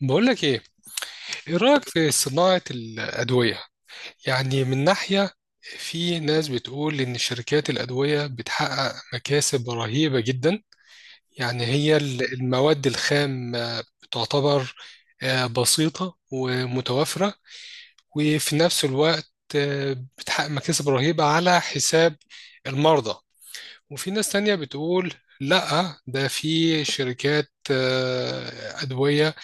بقول لك ايه. ايه رايك في صناعه الادويه؟ يعني من ناحيه، في ناس بتقول ان شركات الادويه بتحقق مكاسب رهيبه جدا. يعني هي المواد الخام تعتبر بسيطه ومتوفره، وفي نفس الوقت بتحقق مكاسب رهيبه على حساب المرضى. وفي ناس تانية بتقول لا، ده في شركات ادويه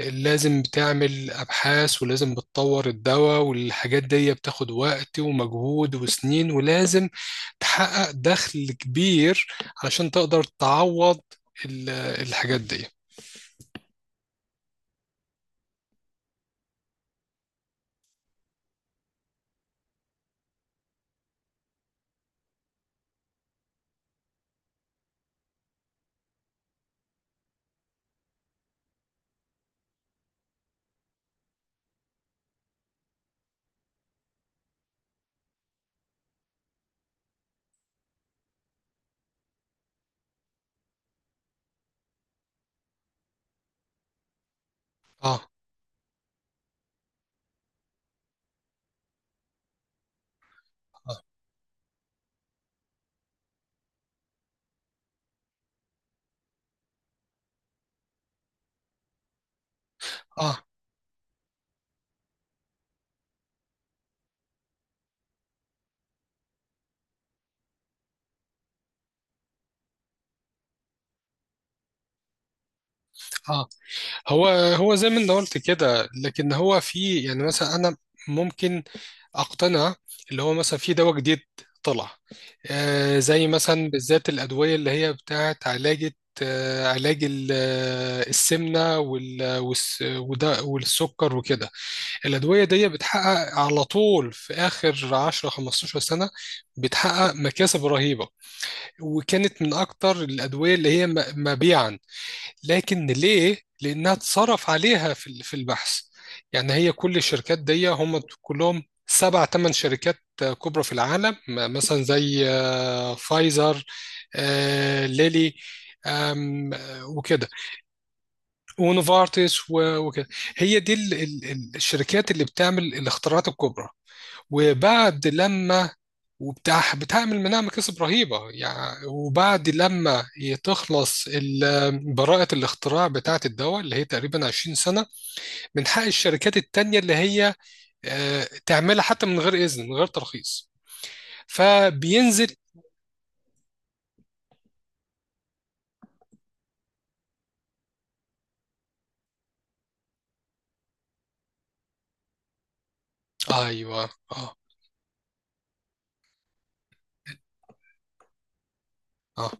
لازم بتعمل أبحاث، ولازم بتطور الدواء والحاجات دي بتاخد وقت ومجهود وسنين، ولازم تحقق دخل كبير علشان تقدر تعوض ال- الحاجات دي. اه، اه، اه. آه. هو هو زي ما انت قلت كده، لكن هو في يعني مثلا انا ممكن اقتنع، اللي هو مثلا في دواء جديد طلع، آه زي مثلا بالذات الادويه اللي هي بتاعت علاجة، علاج السمنه والسكر وكده. الادويه دي بتحقق على طول في اخر 10 15 سنه، بتحقق مكاسب رهيبه، وكانت من اكتر الادويه اللي هي مبيعا. لكن ليه؟ لأنها اتصرف عليها في البحث. يعني هي كل الشركات دي هم كلهم سبع ثمان شركات كبرى في العالم، مثلا زي فايزر، ليلي، آم، آه، وكده، ونوفارتس وكده. هي دي الشركات اللي بتعمل الاختراعات الكبرى. وبعد لما وبتاع بتعمل منها مكاسب رهيبة يعني، وبعد لما تخلص براءة الاختراع بتاعة الدواء اللي هي تقريبا 20 سنة، من حق الشركات التانية اللي هي تعملها حتى من غير إذن، من غير ترخيص، فبينزل. أيوه، أه، أه،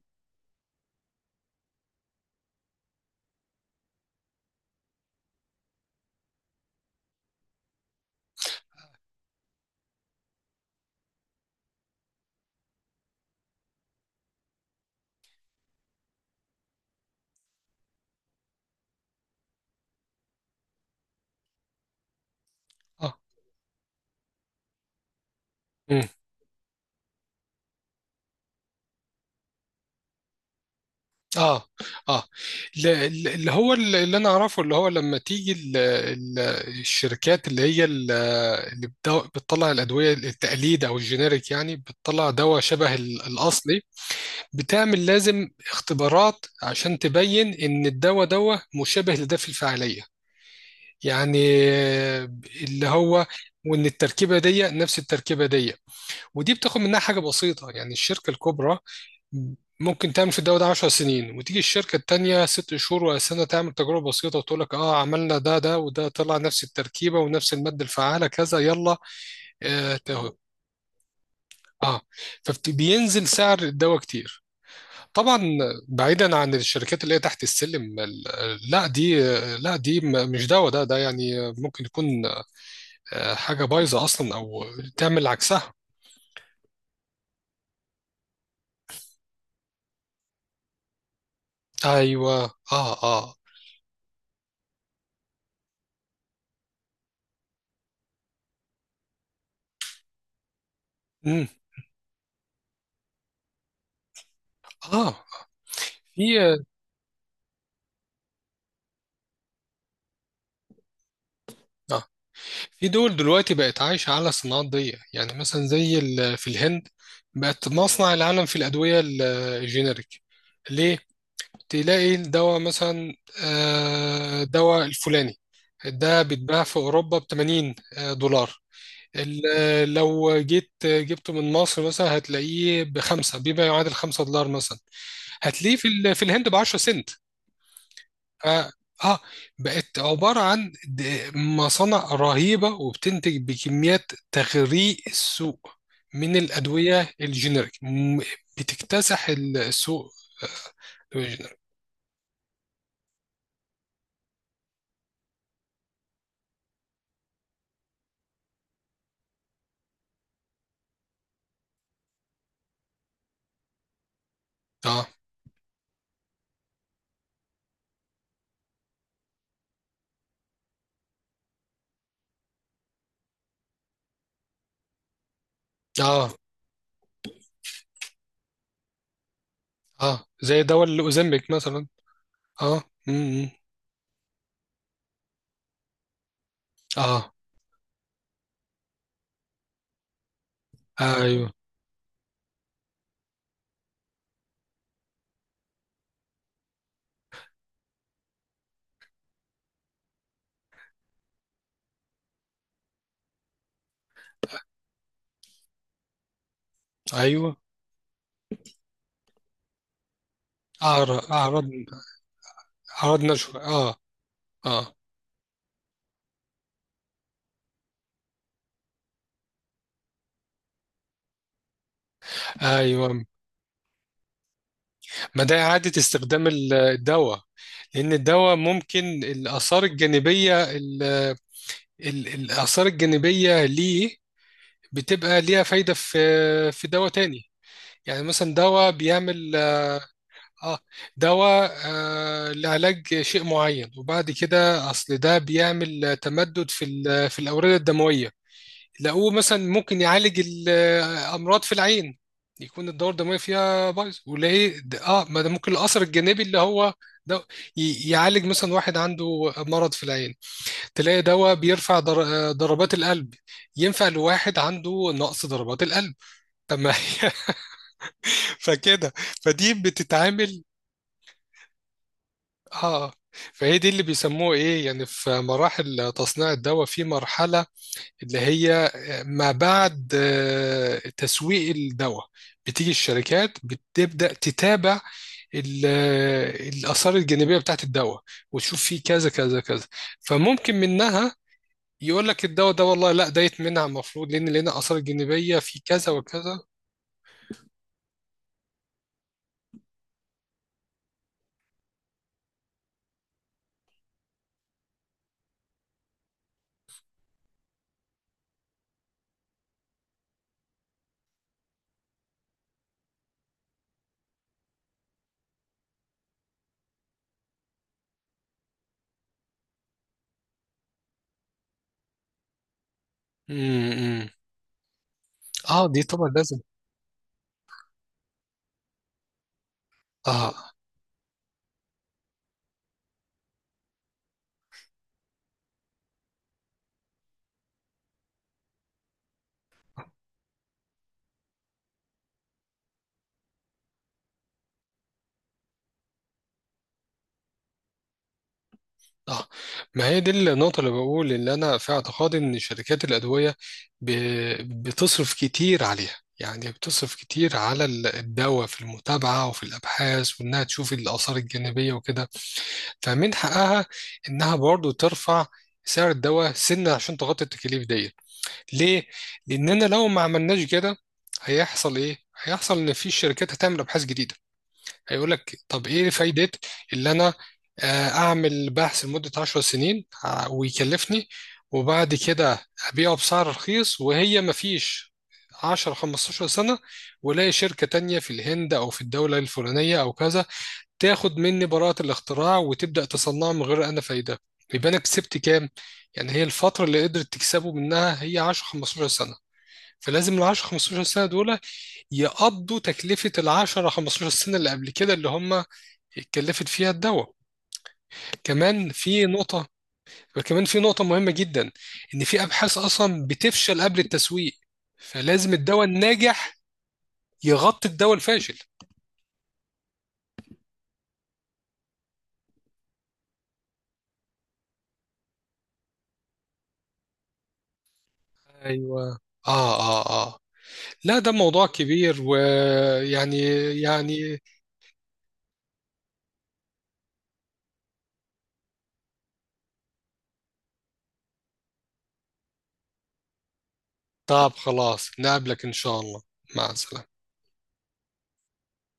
أه، اه، اه. ل- اللي هو اللي انا اعرفه، اللي هو لما تيجي ال- الشركات اللي هي اللي بتطلع الادويه التقليد او الجينيريك، يعني بتطلع دواء شبه الاصلي، بتعمل لازم اختبارات عشان تبين ان الدواء دواء مشابه لده في الفعاليه، يعني، آه، اللي هو وان التركيبه دي نفس التركيبه دي. ودي بتاخد منها حاجه بسيطه يعني، الشركه الكبرى ممكن تعمل في الدواء ده 10 سنين، وتيجي الشركة التانية 6 شهور ولا سنة تعمل تجربة بسيطة وتقول لك اه عملنا ده ده وده طلع نفس التركيبة ونفس المادة الفعالة كذا، يلا. اه، اه، فبينزل سعر الدواء كتير. طبعا، بعيدا عن الشركات اللي هي تحت السلم، لا دي، لا دي مش دواء، ده ده يعني ممكن يكون حاجة بايظة اصلا، او تعمل عكسها. ايوه، اه، اه، امم، اه. في آه، في دول دلوقتي بقت عايشة على صناعات ضيقة، يعني مثلا زي في الهند بقت مصنع العالم في الأدوية الجينيريك. ليه؟ تلاقي الدواء مثلا، دواء الفلاني ده بيتباع في أوروبا ب 80 دولار. لو جيت جبته من مصر مثلا هتلاقيه بخمسة، بما يعادل $5 مثلا، هتلاقيه في الهند ب 10 سنت. آه, اه، بقت عبارة عن مصانع رهيبة، وبتنتج بكميات تغريق السوق من الأدوية الجينيريك، بتكتسح السوق الجينيريك. اه، اه، اه زي دواء الأوزمبيك مثلا. اه، امم، اه، ايوه، ايوه. اعرض، اعرض، اعرض نشوة، اه. اه، ايوه. ما ده إعادة استخدام الدواء، لأن الدواء ممكن الآثار الجانبية، الآثار الجانبية ليه بتبقى ليها فايدة في دواء تاني. يعني مثلا دواء بيعمل، اه دواء آه لعلاج شيء معين، وبعد كده أصل ده بيعمل تمدد في الأوردة الدموية، لقوه مثلا ممكن يعالج الأمراض في العين، يكون الدورة الدموية فيها بايظ، وليه اه، ما ده ممكن الأثر الجانبي اللي هو ده يعالج مثلا واحد عنده مرض في العين. تلاقي دواء بيرفع ضربات القلب، ينفع لواحد عنده نقص ضربات القلب. طب ما هي فكده، فدي بتتعامل. اه، فهي دي اللي بيسموه ايه يعني، في مراحل تصنيع الدواء في مرحلة اللي هي ما بعد تسويق الدواء. بتيجي الشركات بتبدأ تتابع ال- الآثار الجانبية بتاعت الدواء، وتشوف فيه كذا كذا كذا، فممكن منها يقول لك الدواء ده والله لا دايت منها، المفروض لان لنا اثار جانبيه في كذا وكذا. امم، اه، دي طبعا لازم. اه، اه، ما هي دي النقطه اللي بقول، اللي انا في اعتقادي ان شركات الادويه ب... بتصرف كتير عليها، يعني بتصرف كتير على الدواء في المتابعة وفي الأبحاث، وإنها تشوف الآثار الجانبية وكده، فمن حقها إنها برضو ترفع سعر الدواء سنة عشان تغطي التكاليف ديت. ليه؟ لأننا لو ما عملناش كده، هيحصل إيه؟ هيحصل إن في شركات هتعمل أبحاث جديدة، هيقول لك طب إيه فايدة، اللي أنا أعمل بحث لمدة 10 سنين ويكلفني، وبعد كده أبيعه بسعر رخيص، وهي ما فيش 10 15 سنة، ولاقي شركة تانية في الهند أو في الدولة الفلانية أو كذا تاخد مني براءة الاختراع وتبدأ تصنعه من غير أنا فايدة. يبقى أنا كسبت كام؟ يعني هي الفترة اللي قدرت تكسبه منها هي 10 15 سنة، فلازم ال 10 15 سنه دول يقضوا تكلفه ال 10 15 سنه اللي قبل كده اللي هم اتكلفت فيها الدواء. كمان في نقطه، وكمان في نقطه مهمه جدا، ان في ابحاث اصلا بتفشل قبل التسويق، فلازم الدواء الناجح يغطي الدواء الفاشل. ايوه، اه، اه، اه، لا ده موضوع كبير ويعني، يعني طب خلاص، نقابلك ان شاء الله. مع السلامه.